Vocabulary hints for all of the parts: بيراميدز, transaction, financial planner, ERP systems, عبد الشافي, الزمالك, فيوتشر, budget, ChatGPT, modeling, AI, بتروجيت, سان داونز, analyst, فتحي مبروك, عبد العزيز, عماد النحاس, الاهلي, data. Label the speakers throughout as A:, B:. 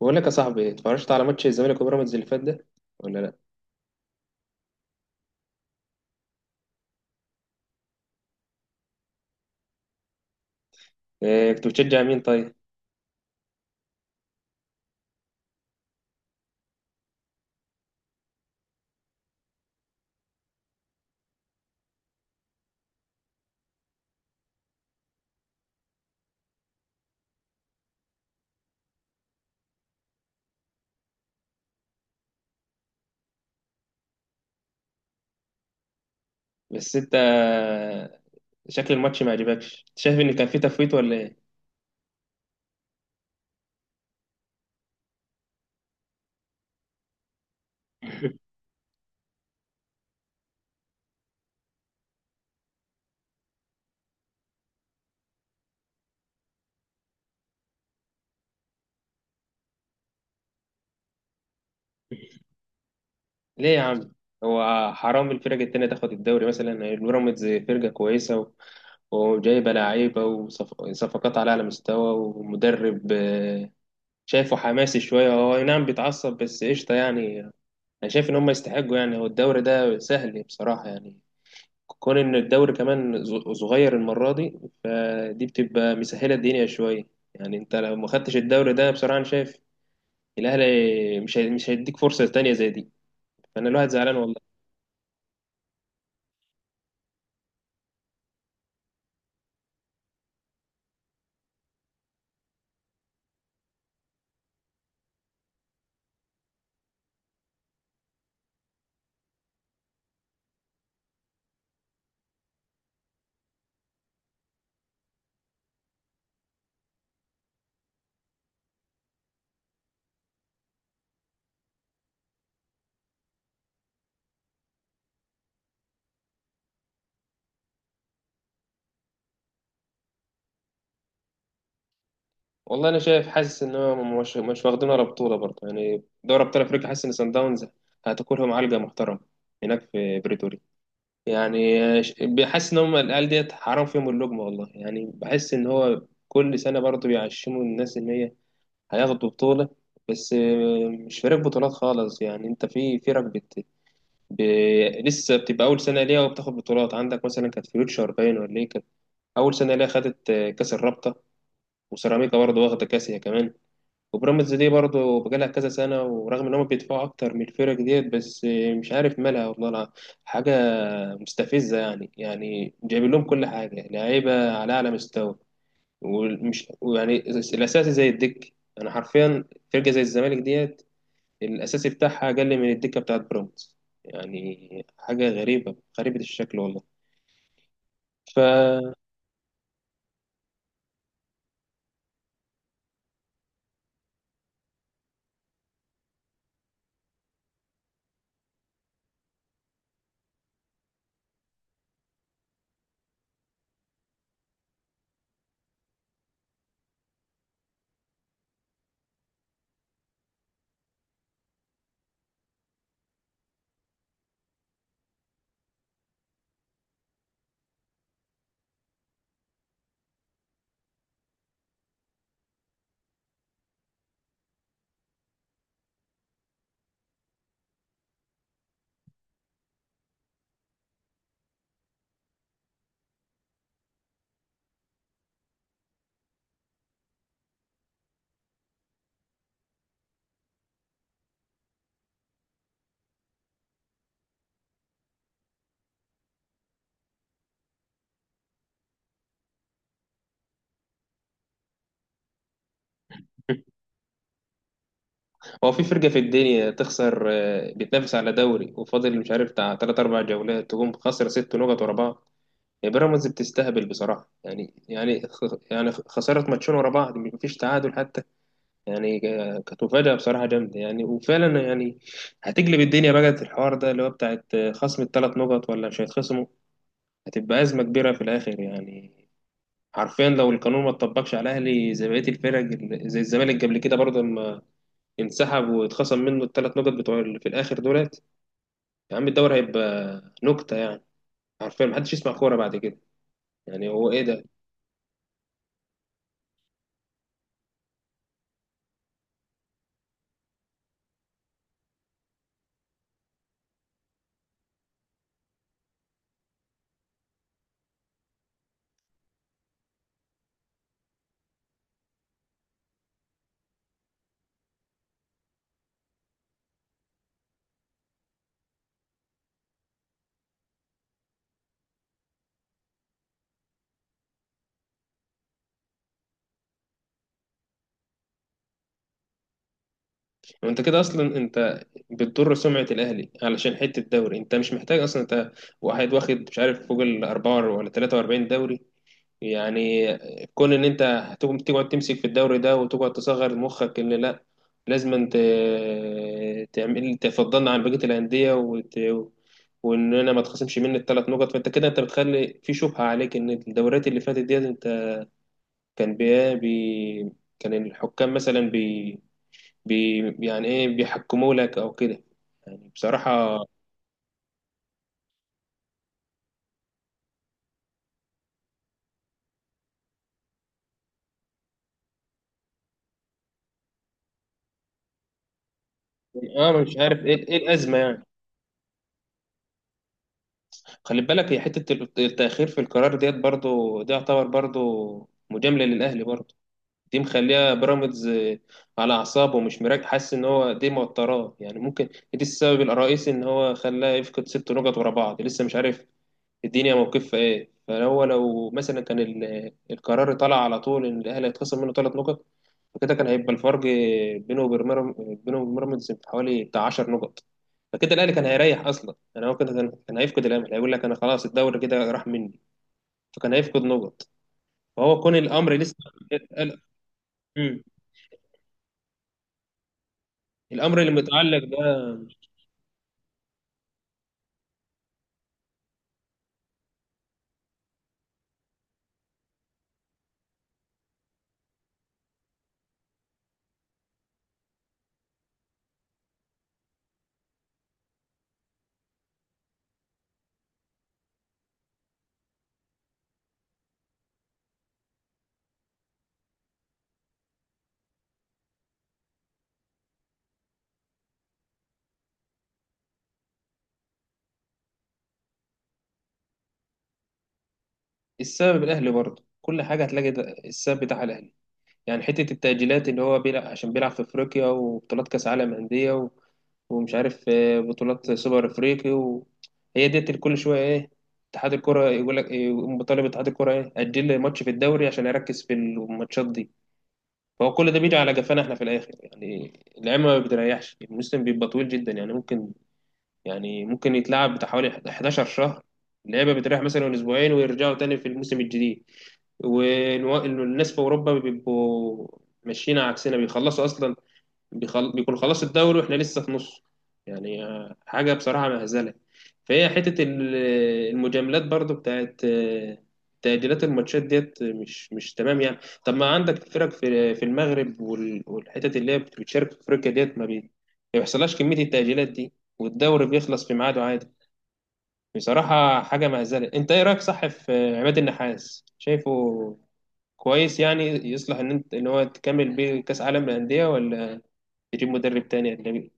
A: بقول لك يا صاحبي، اتفرجت على ماتش الزمالك وبيراميدز اللي فات ده ولا لا؟ إيه، كنت بتشجع مين طيب؟ بس انت شكل الماتش ما عجبكش؟ انت شايف ان كان في تفويت ولا ايه؟ ليه يا عم؟ هو حرام الفرق التانية تاخد الدوري؟ مثلا البيراميدز فرقة كويسة وجايبة لعيبة وصفقات على أعلى مستوى ومدرب، شايفه حماسي شوية. هو أي نعم بيتعصب بس قشطة يعني. أنا شايف إن هم يستحقوا يعني، هو الدوري ده سهل بصراحة يعني. كون ان الدوري كمان صغير المره دي، فدي بتبقى مسهله الدنيا شويه. يعني انت لو ما خدتش الدوري ده بصراحه، انا شايف الاهلي مش هيديك فرصه تانية زي دي. فانا الواحد زعلان والله. والله انا شايف، حاسس ان هو مش واخدين ولا بطوله برضه، يعني دوري ابطال افريقيا حاسس ان سان داونز هتاكلهم علقه محترمه هناك في بريتوريا. يعني، بحس ان هم العيال ديت حرام فيهم اللقمه والله. يعني بحس ان هو كل سنه برضه بيعشموا الناس ان هي هياخد بطولة، بس مش فريق بطولات خالص يعني. انت في فرق ب... لسه بتبقى أول سنة ليها وبتاخد بطولات، عندك مثلا كانت فيوتشر باين، ولا ايه كانت؟ أول سنة ليها خدت، كأس الرابطة. وسيراميكا برضه واخدة كأس هي كمان. وبيراميدز دي برضه بقالها كذا سنة ورغم إن هم بيدفعوا أكتر من الفرق ديت، بس مش عارف مالها والله. حاجة مستفزة يعني، يعني جايبين لهم كل حاجة، لعيبة على أعلى مستوى ومش ويعني الأساسي زي الدك. أنا حرفيا فرقة زي الزمالك ديت الأساسي بتاعها أقل من الدكة بتاعت بيراميدز. يعني حاجة غريبة غريبة الشكل والله. ف هو في فرقة في الدنيا تخسر، بتنافس على دوري وفاضل مش عارف بتاع تلات أربع جولات، تقوم خسر ست نقط ورا بعض؟ يعني بيراميدز بتستهبل بصراحة يعني. يعني يعني خسارة ماتشين ورا بعض، مفيش تعادل حتى. يعني كانت مفاجأة بصراحة جامدة يعني. وفعلا يعني هتقلب الدنيا بقى الحوار ده اللي هو بتاعت، خصم الثلاث نقط ولا مش هيتخصموا. هتبقى أزمة كبيرة في الآخر يعني. حرفيا لو القانون ما اتطبقش على الاهلي زي بقيه الفرق، زي الزمالك قبل كده برضه لما انسحب واتخصم منه الثلاث نقط بتوع اللي في الاخر دولت، يا عم الدوري هيبقى نكته يعني. حرفيا محدش يسمع كوره بعد كده، يعني هو ايه ده؟ انت كده اصلا انت بتضر سمعه الاهلي علشان حته الدوري. انت مش محتاج اصلا، انت واحد واخد مش عارف فوق ال 4 ولا 43 دوري يعني. كون ان انت هتقوم تقعد تمسك في الدوري ده وتقعد تصغر مخك، ان لا لازم تعمل تفضلنا عن بقية الأندية واننا ما تخصمش مني الثلاث نقط، فانت كده انت بتخلي في شبهة عليك ان الدوريات اللي فاتت ديت انت كان كان الحكام مثلا بي... يعني ايه، بيحكموا لك او كده، يعني بصراحة. اه، مش عارف ايه الأزمة يعني. خلي بالك هي حتة التأخير في القرار ديت برضو، دي يعتبر برضو مجاملة للأهلي برضو. دي مخليها بيراميدز، على أعصابه ومش مراك، حاسس إن هو دي موتراه يعني. ممكن دي السبب الرئيسي إن هو خلاه يفقد ست نقط ورا بعض، لسه مش عارف الدنيا موقفها ايه. فهو لو مثلا كان القرار طلع على طول ان الاهلي هيتخصم منه ثلاث نقط، فكده كان هيبقى الفرق بينه وبين بيراميدز حوالي بتاع 10 نقط. فكده الاهلي كان هيريح اصلا، يعني هو كده كان هيفقد الامل، هيقول لك انا خلاص الدوري كده راح مني، فكان هيفقد نقط. فهو كون الامر لسه، ال- مم. الامر اللي متعلق ده، السبب الاهلي برضه. كل حاجه هتلاقي ده السبب بتاع الاهلي. يعني حته التاجيلات اللي هو بيلعب عشان بيلعب في افريقيا وبطولات كاس عالم انديه، ومش عارف، بطولات سوبر افريقي، وهي ديت كل شويه ايه، اتحاد الكره يقول لك يقوم بطالب اتحاد الكره ايه، اجل لي ماتش في الدوري عشان اركز في الماتشات دي. فهو كل ده بيجي على جفانا احنا في الاخر يعني. اللعيبه ما بتريحش، الموسم بيبقى طويل جدا. يعني ممكن يتلعب بتاع حوالي 11 شهر. اللعيبه بتريح مثلا اسبوعين ويرجعوا تاني في الموسم الجديد، والناس في اوروبا بيبقوا ماشيين عكسنا، بيخلصوا اصلا. بيكون خلاص الدوري واحنا لسه في نصه. يعني حاجة بصراحة مهزلة. فهي حتة المجاملات برضو بتاعت، تأجيلات الماتشات ديت مش تمام يعني. طب ما عندك فرق في المغرب والحتت اللي هي بتشارك في افريقيا ديت ما ما بيحصلهاش كمية التأجيلات دي، والدوري بيخلص في ميعاده عادي. بصراحة حاجة مهزلة. انت ايه رأيك، صح، في عماد النحاس؟ شايفه كويس يعني، يصلح ان انت ان هو تكمل بيه كأس عالم للأندية، ولا تجيب مدرب تاني أجنبي؟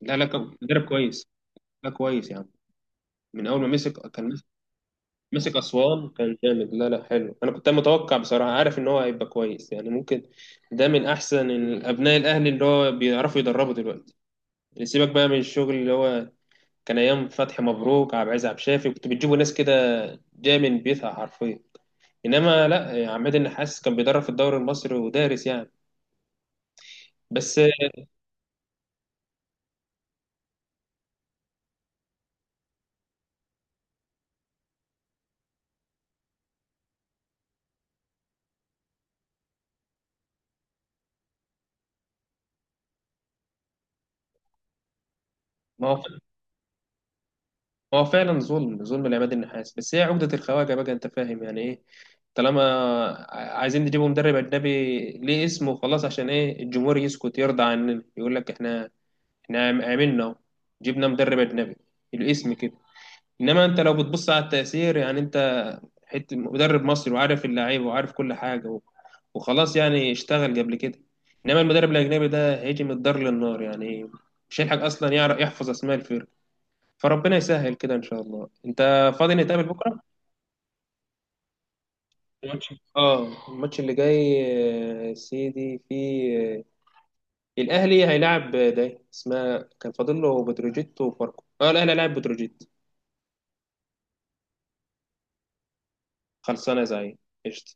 A: لا لا، كان مدرب كويس. لا كويس يعني، من اول ما مسك كان مسك. مسك اسوان كان جامد. لا لا حلو، انا كنت متوقع بصراحه، عارف ان هو هيبقى كويس يعني. ممكن ده من احسن ابناء الاهلي اللي هو بيعرفوا يدربوا دلوقتي يعني. سيبك بقى من الشغل اللي هو كان ايام فتحي مبروك، عبد العزيز، عبد الشافي، كنت بتجيبوا ناس كده جايه من بيتها حرفيا. انما لا، عماد النحاس كان بيدرب في الدوري المصري ودارس يعني بس. ما هو هو فعلا ظلم ظلم لعماد النحاس، بس هي عقدة الخواجة بقى، انت فاهم؟ يعني ايه طالما عايزين نجيبوا مدرب أجنبي ليه اسمه خلاص، عشان ايه؟ الجمهور يسكت يرضى عننا، يقول لك احنا احنا عملنا، جبنا مدرب أجنبي، الاسم كده. انما انت لو بتبص على التأثير، يعني انت حتة مدرب مصري وعارف اللعيبة وعارف كل حاجة وخلاص يعني، اشتغل قبل كده. انما المدرب الأجنبي ده هيجي من الدار للنار يعني، مش هيلحق اصلا يعرف يحفظ اسماء الفرق. فربنا يسهل كده ان شاء الله. انت فاضي نتقابل بكره؟ الماتش اللي جاي، يا سيدي في، الاهلي هيلاعب، ده اسمها كان فاضل له بتروجيت وفاركو. اه، الاهلي هيلاعب بتروجيت. خلصانه يا زعيم، قشطه.